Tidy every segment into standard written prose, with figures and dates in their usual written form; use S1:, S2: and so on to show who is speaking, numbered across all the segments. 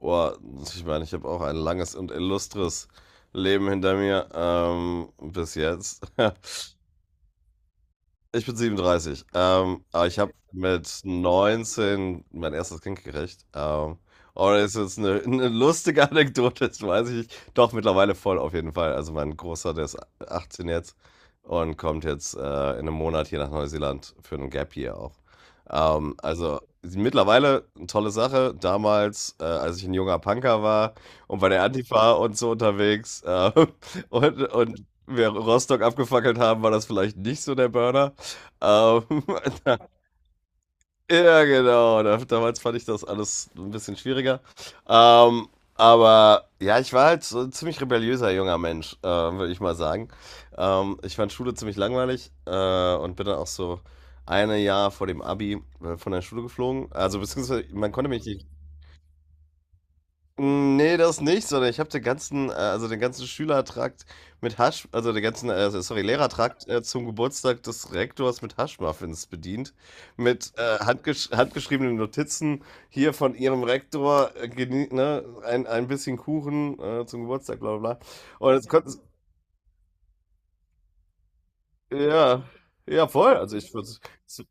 S1: Oh, ich meine, ich habe auch ein langes und illustres Leben hinter mir bis jetzt. Ich bin 37. Aber ich habe mit 19 mein erstes Kind gekriegt. Oh, das ist jetzt eine lustige Anekdote, das weiß ich nicht. Doch, mittlerweile voll auf jeden Fall. Also mein Großer, der ist 18 jetzt und kommt jetzt in einem Monat hier nach Neuseeland für einen Gap Year auch. Also mittlerweile eine tolle Sache. Damals, als ich ein junger Punker war und bei der Antifa und so unterwegs und wir Rostock abgefackelt haben, war das vielleicht nicht so der Burner. Ähm, ja, genau. Damals fand ich das alles ein bisschen schwieriger. Ähm, aber ja, ich war halt so ein ziemlich rebelliöser junger Mensch, würde ich mal sagen. Ich fand Schule ziemlich langweilig und bin dann auch so ein Jahr vor dem Abi von der Schule geflogen. Also beziehungsweise man konnte mich nicht ne, das nicht, sondern ich habe den ganzen also, den ganzen Schülertrakt mit Hasch also, den ganzen, also, sorry, Lehrertrakt, zum Geburtstag des Rektors mit Haschmuffins bedient. Mit, handgeschriebenen Notizen hier von ihrem Rektor, geni ne, ein bisschen Kuchen, zum Geburtstag, bla bla bla. Und jetzt konnten s ja, ja voll. Also, ich würde es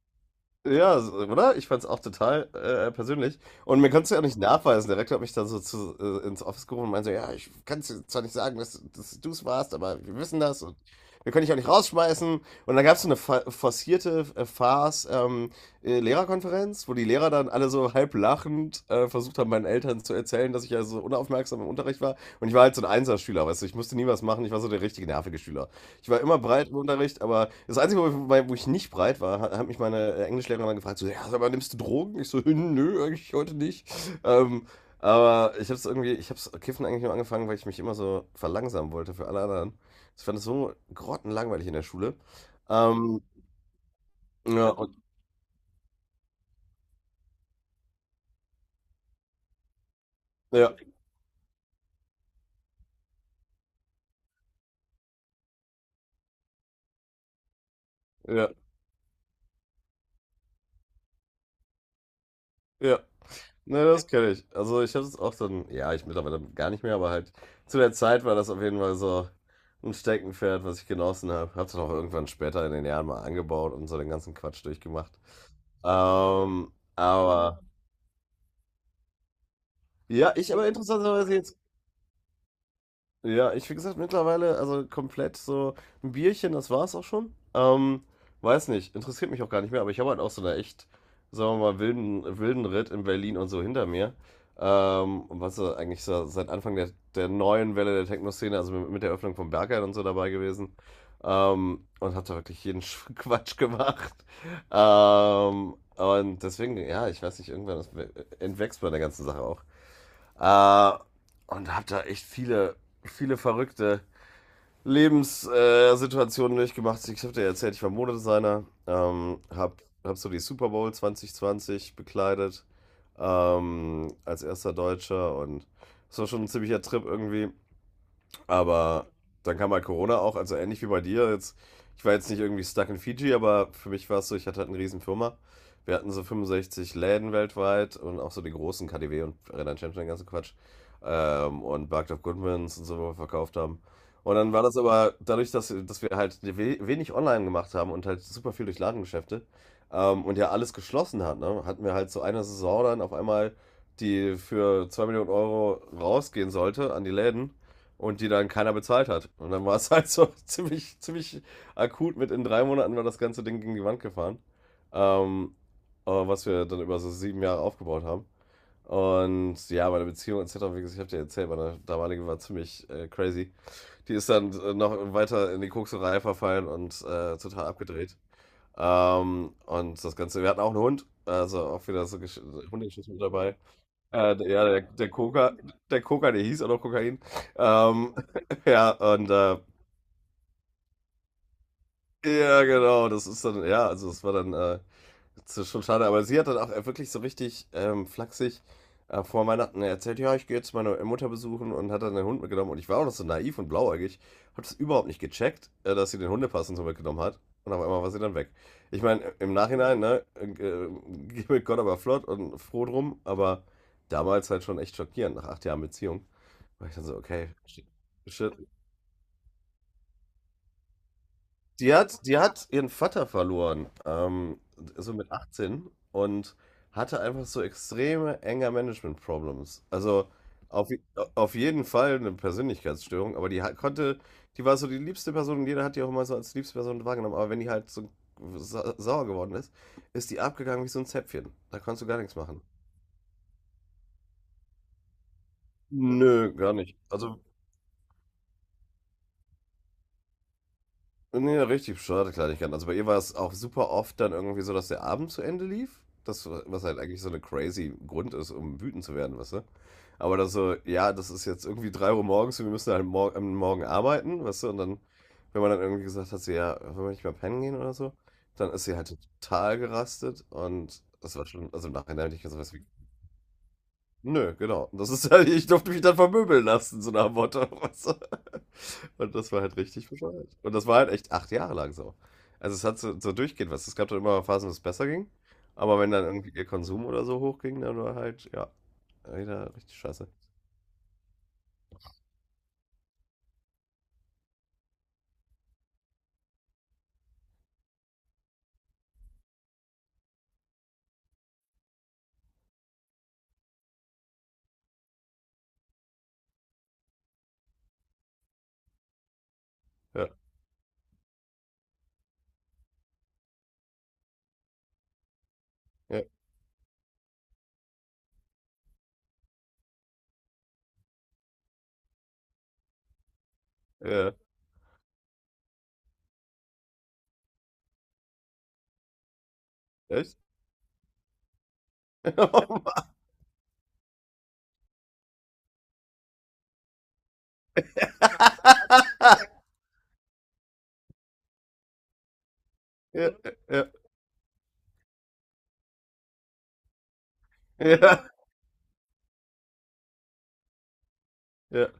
S1: ja, so, oder? Ich fand's auch total persönlich. Und mir konntest du ja nicht nachweisen. Der Rektor hat mich dann so zu, ins Office gerufen und meinte so, ja, ich kann es zwar nicht sagen, dass du es warst, aber wir wissen das und wir können dich auch nicht rausschmeißen. Und dann gab's so eine forcierte Farce Lehrerkonferenz, wo die Lehrer dann alle so halb lachend versucht haben, meinen Eltern zu erzählen, dass ich ja so unaufmerksam im Unterricht war. Und ich war halt so ein Einserschüler, weißt du, ich musste nie was machen, ich war so der richtige nervige Schüler. Ich war immer breit im Unterricht, aber das Einzige, wo ich nicht breit war, hat mich meine Englischlehrerin mal gefragt, so, ja, aber nimmst du Drogen? Ich so, nö, eigentlich heute nicht. Ähm, aber ich hab's irgendwie, ich hab's Kiffen eigentlich nur angefangen, weil ich mich immer so verlangsamen wollte für alle anderen. Ich fand es so grottenlangweilig in der Schule. Ähm, ja, und, ja, ja, ja. Ne, das kenne ich. Also ich habe es auch dann, ja, ich mittlerweile gar nicht mehr, aber halt zu der Zeit war das auf jeden Fall so ein Steckenpferd, was ich genossen habe. Hab's dann auch irgendwann später in den Jahren mal angebaut und so den ganzen Quatsch durchgemacht. Aber ja, ich aber interessanterweise jetzt ja, ich, wie gesagt, mittlerweile, also komplett so ein Bierchen, das war's auch schon. Weiß nicht, interessiert mich auch gar nicht mehr, aber ich habe halt auch so eine echt, sagen wir mal, wilden Ritt in Berlin und so hinter mir. Was so eigentlich so seit Anfang der neuen Welle der Techno-Szene, also mit der Öffnung von Berghain und so dabei gewesen. Und hab da wirklich jeden Quatsch gemacht. Und deswegen, ja, ich weiß nicht, irgendwann das entwächst bei der ganzen Sache auch. Äh, und habe da echt viele, viele verrückte Lebenssituationen durchgemacht. Ich habe dir ja erzählt, ich war Modedesigner, hab so die Super Bowl 2020 bekleidet als erster Deutscher und es war schon ein ziemlicher Trip irgendwie. Aber dann kam halt Corona auch, also ähnlich wie bei dir. Jetzt, ich war jetzt nicht irgendwie stuck in Fiji, aber für mich war es so, ich hatte halt eine riesen Firma. Wir hatten so 65 Läden weltweit und auch so die großen KDW und Renan Champion, den ganzen Quatsch. Und Barked of Goodmans und so, wo wir verkauft haben. Und dann war das aber dadurch, dass wir halt wenig online gemacht haben und halt super viel durch Ladengeschäfte und ja alles geschlossen hat, ne, hatten wir halt so eine Saison dann auf einmal, die für 2 Millionen Euro rausgehen sollte an die Läden und die dann keiner bezahlt hat. Und dann war es halt so ziemlich akut mit in 3 Monaten war das ganze Ding gegen die Wand gefahren. Ähm, was wir dann über so 7 Jahre aufgebaut haben. Und ja, meine Beziehung etc., wie gesagt, ich habe dir erzählt, meine damalige war ziemlich crazy. Die ist dann noch weiter in die Kokserei verfallen und total abgedreht. Und das Ganze, wir hatten auch einen Hund, also auch wieder so Hundegeschichten mit dabei. Ja, der, der Koka, der hieß auch noch Kokain. Ähm, ja, und ja, genau, das ist dann, ja, also es war dann das ist schon schade. Aber sie hat dann auch wirklich so richtig flachsig vor Weihnachten erzählt, ja, ich gehe jetzt meine Mutter besuchen und hat dann den Hund mitgenommen. Und ich war auch noch so naiv und blauäugig, habe das überhaupt nicht gecheckt, dass sie den Hundepass und so mitgenommen hat. Und auf einmal war sie dann weg. Ich meine, im Nachhinein, ne, geh mit Gott aber flott und froh drum, aber damals halt schon echt schockierend, nach 8 Jahren Beziehung. War ich dann so, okay. Shit. Shit. Die hat ihren Vater verloren, so mit 18 und hatte einfach so extreme Anger-Management-Problems. Also auf, auf jeden Fall eine Persönlichkeitsstörung, aber die war so die liebste Person und jeder hat die auch immer so als liebste Person wahrgenommen. Aber wenn die halt so sa sauer geworden ist, ist die abgegangen wie so ein Zäpfchen. Da konntest du gar nichts machen. Nö, gar nicht. Also nee, richtig schade Kleinigkeiten. Also bei ihr war es auch super oft dann irgendwie so, dass der Abend zu Ende lief. Das, was halt eigentlich so eine crazy Grund ist, um wütend zu werden, weißt du? Aber dann so, ja, das ist jetzt irgendwie 3 Uhr morgens und wir müssen halt mor am Morgen arbeiten, weißt du? Und dann, wenn man dann irgendwie gesagt hat, so, ja, wollen wir nicht mal pennen gehen oder so, dann ist sie halt total gerastet und das war schon, also im Nachhinein hätte ich gesagt, was wie, nö, genau. Und das ist halt, ich durfte mich dann vermöbeln lassen, so nach dem Motto, weißt du? Und das war halt richtig bescheuert. Und das war halt echt 8 Jahre lang so. Also es hat so, so durchgehend was. Es gab dann immer Phasen, wo es besser ging. Aber wenn dann irgendwie ihr Konsum oder so hochging, dann war halt, ja, wieder richtig scheiße. Ja, ja, ja. Ja. Echt? Oh Mann. Ja, ja, ja, ja.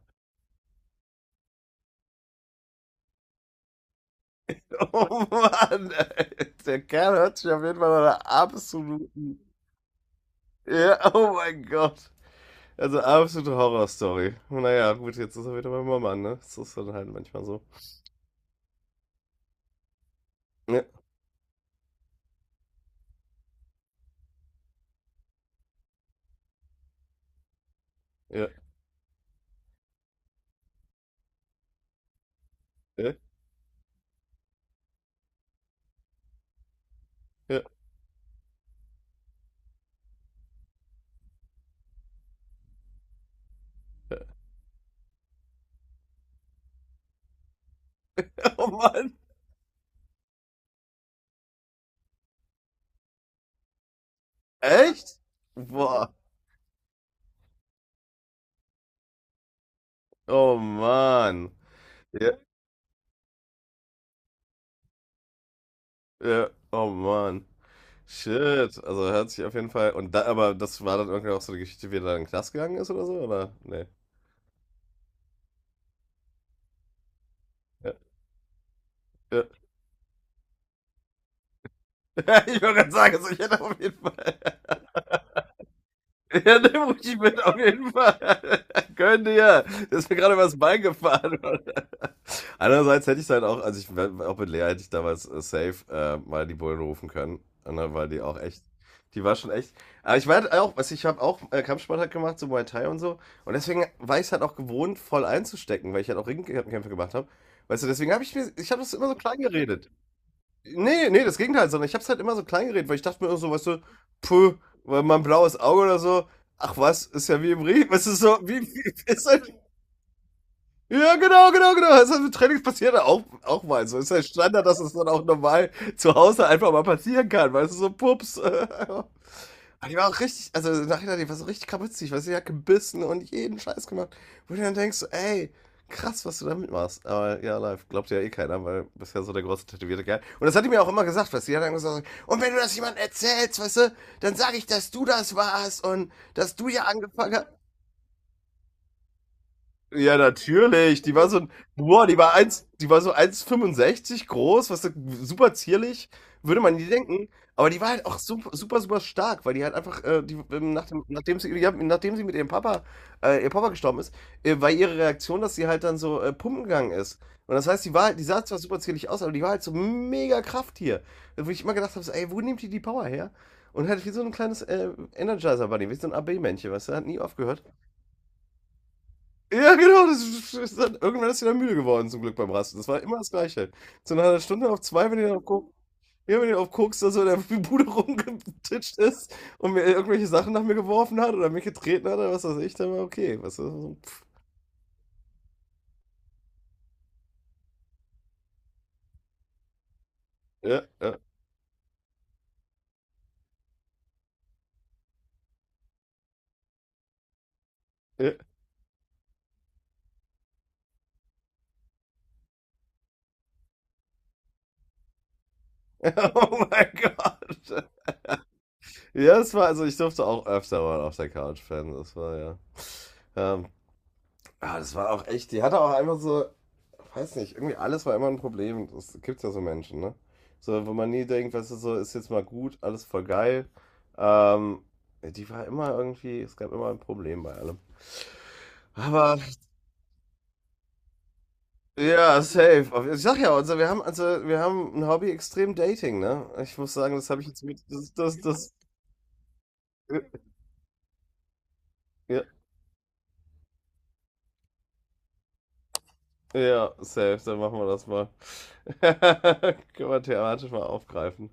S1: Oh Mann, ey. Der Kerl hört sich auf jeden Fall nach einer absoluten. Ja, oh mein Gott. Also absolute Horrorstory. Naja, gut, jetzt ist er wieder bei meinem Mann, ne? Das ist dann halt manchmal so. Ja. Ja, ja, ja. Oh Mann. Echt? Boah. Oh Mann. Ja, ja. Oh Mann. Shit. Also hört sich auf jeden Fall. Und da, aber das war dann irgendwie auch so eine Geschichte, wie er dann in den Knast gegangen ist oder so, oder? Nee. Ja, ja. Ich wollte gerade sagen, also ich hätte auf jeden Fall. Ja, nimm ruhig mit, auf jeden Fall. Gönn dir. Das ist mir gerade übers Bein gefahren. Andererseits hätte ich halt auch, also ich, auch mit Lea hätte ich damals safe mal die Bullen rufen können. Und dann war die auch echt, die war schon echt. Aber ich war halt auch, also ich habe auch Kampfsport halt gemacht, so Muay Thai und so. Und deswegen war ich es halt auch gewohnt, voll einzustecken, weil ich halt auch Ringkämpfe gemacht habe. Weißt du, deswegen habe ich mir, ich habe das immer so klein geredet. Nee, das Gegenteil, sondern ich hab's halt immer so klein geredet, weil ich dachte mir immer so, weißt du, puh, weil mein blaues Auge oder so, ach was, ist ja wie im Regen, weißt du, so, wie ist halt, ja, genau, das ist halt mit Trainings passiert ja auch, auch mal so, ist halt Standard, dass es dann auch normal zu Hause einfach mal passieren kann, weißt du, so, pups, aber die war auch richtig, also nachher, die war so richtig kaputzig, weil sie hat gebissen und jeden Scheiß gemacht. Wo du dann denkst, so, ey, krass, was du damit machst. Aber ja, live, glaubt ja eh keiner, weil du bist ja so der große tätowierte Kerl. Und das hat die mir auch immer gesagt, weißt du, die hat dann gesagt, und wenn du das jemandem erzählst, weißt du, dann sag ich, dass du das warst und dass du ja angefangen hast. Ja, natürlich. Die war so, boah, die war so 1,65 groß, was so super zierlich, würde man nie denken. Aber die war halt auch super stark, weil die halt einfach, nach dem, nachdem sie, ja, nachdem sie mit ihrem Papa, ihr Papa gestorben ist, war ihre Reaktion, dass sie halt dann so pumpen gegangen ist. Und das heißt, die sah zwar super zierlich aus, aber die war halt so mega Krafttier. Wo ich immer gedacht habe, so, ey, wo nimmt die die Power her? Und halt wie so ein kleines Energizer-Bunny, wie so ein AB-Männchen, weißt du, hat nie aufgehört. Ja, genau. Das ist, ist dann, irgendwann ist sie dann müde geworden, zum Glück beim Rasten. Das war immer das Gleiche. Zu einer halben Stunde auf zwei, wenn ihr auf Koks, ja, wenn ihr auf Koks da so in der Bude rumgetitscht ist und mir irgendwelche Sachen nach mir geworfen hat oder mich getreten hat oder was weiß ich, dann war okay. Was, pff, ja, ja, ja. Oh mein Gott. Ja, das war, also ich durfte auch öfter mal auf der Couch pennen. Das war ja. Ähm, ah, das war auch echt, die hatte auch einfach so, weiß nicht, irgendwie alles war immer ein Problem. Das gibt's ja so Menschen, ne? So, wo man nie denkt, weißt du, so ist jetzt mal gut, alles voll geil. Ähm, ja, die war immer irgendwie, es gab immer ein Problem bei allem. Aber ja, safe. Ich sag ja, also wir haben ein Hobby extrem Dating, ne? Ich muss sagen, das habe ich jetzt mit, das, ja, ja, safe, dann machen wir das mal. Können wir thematisch mal aufgreifen.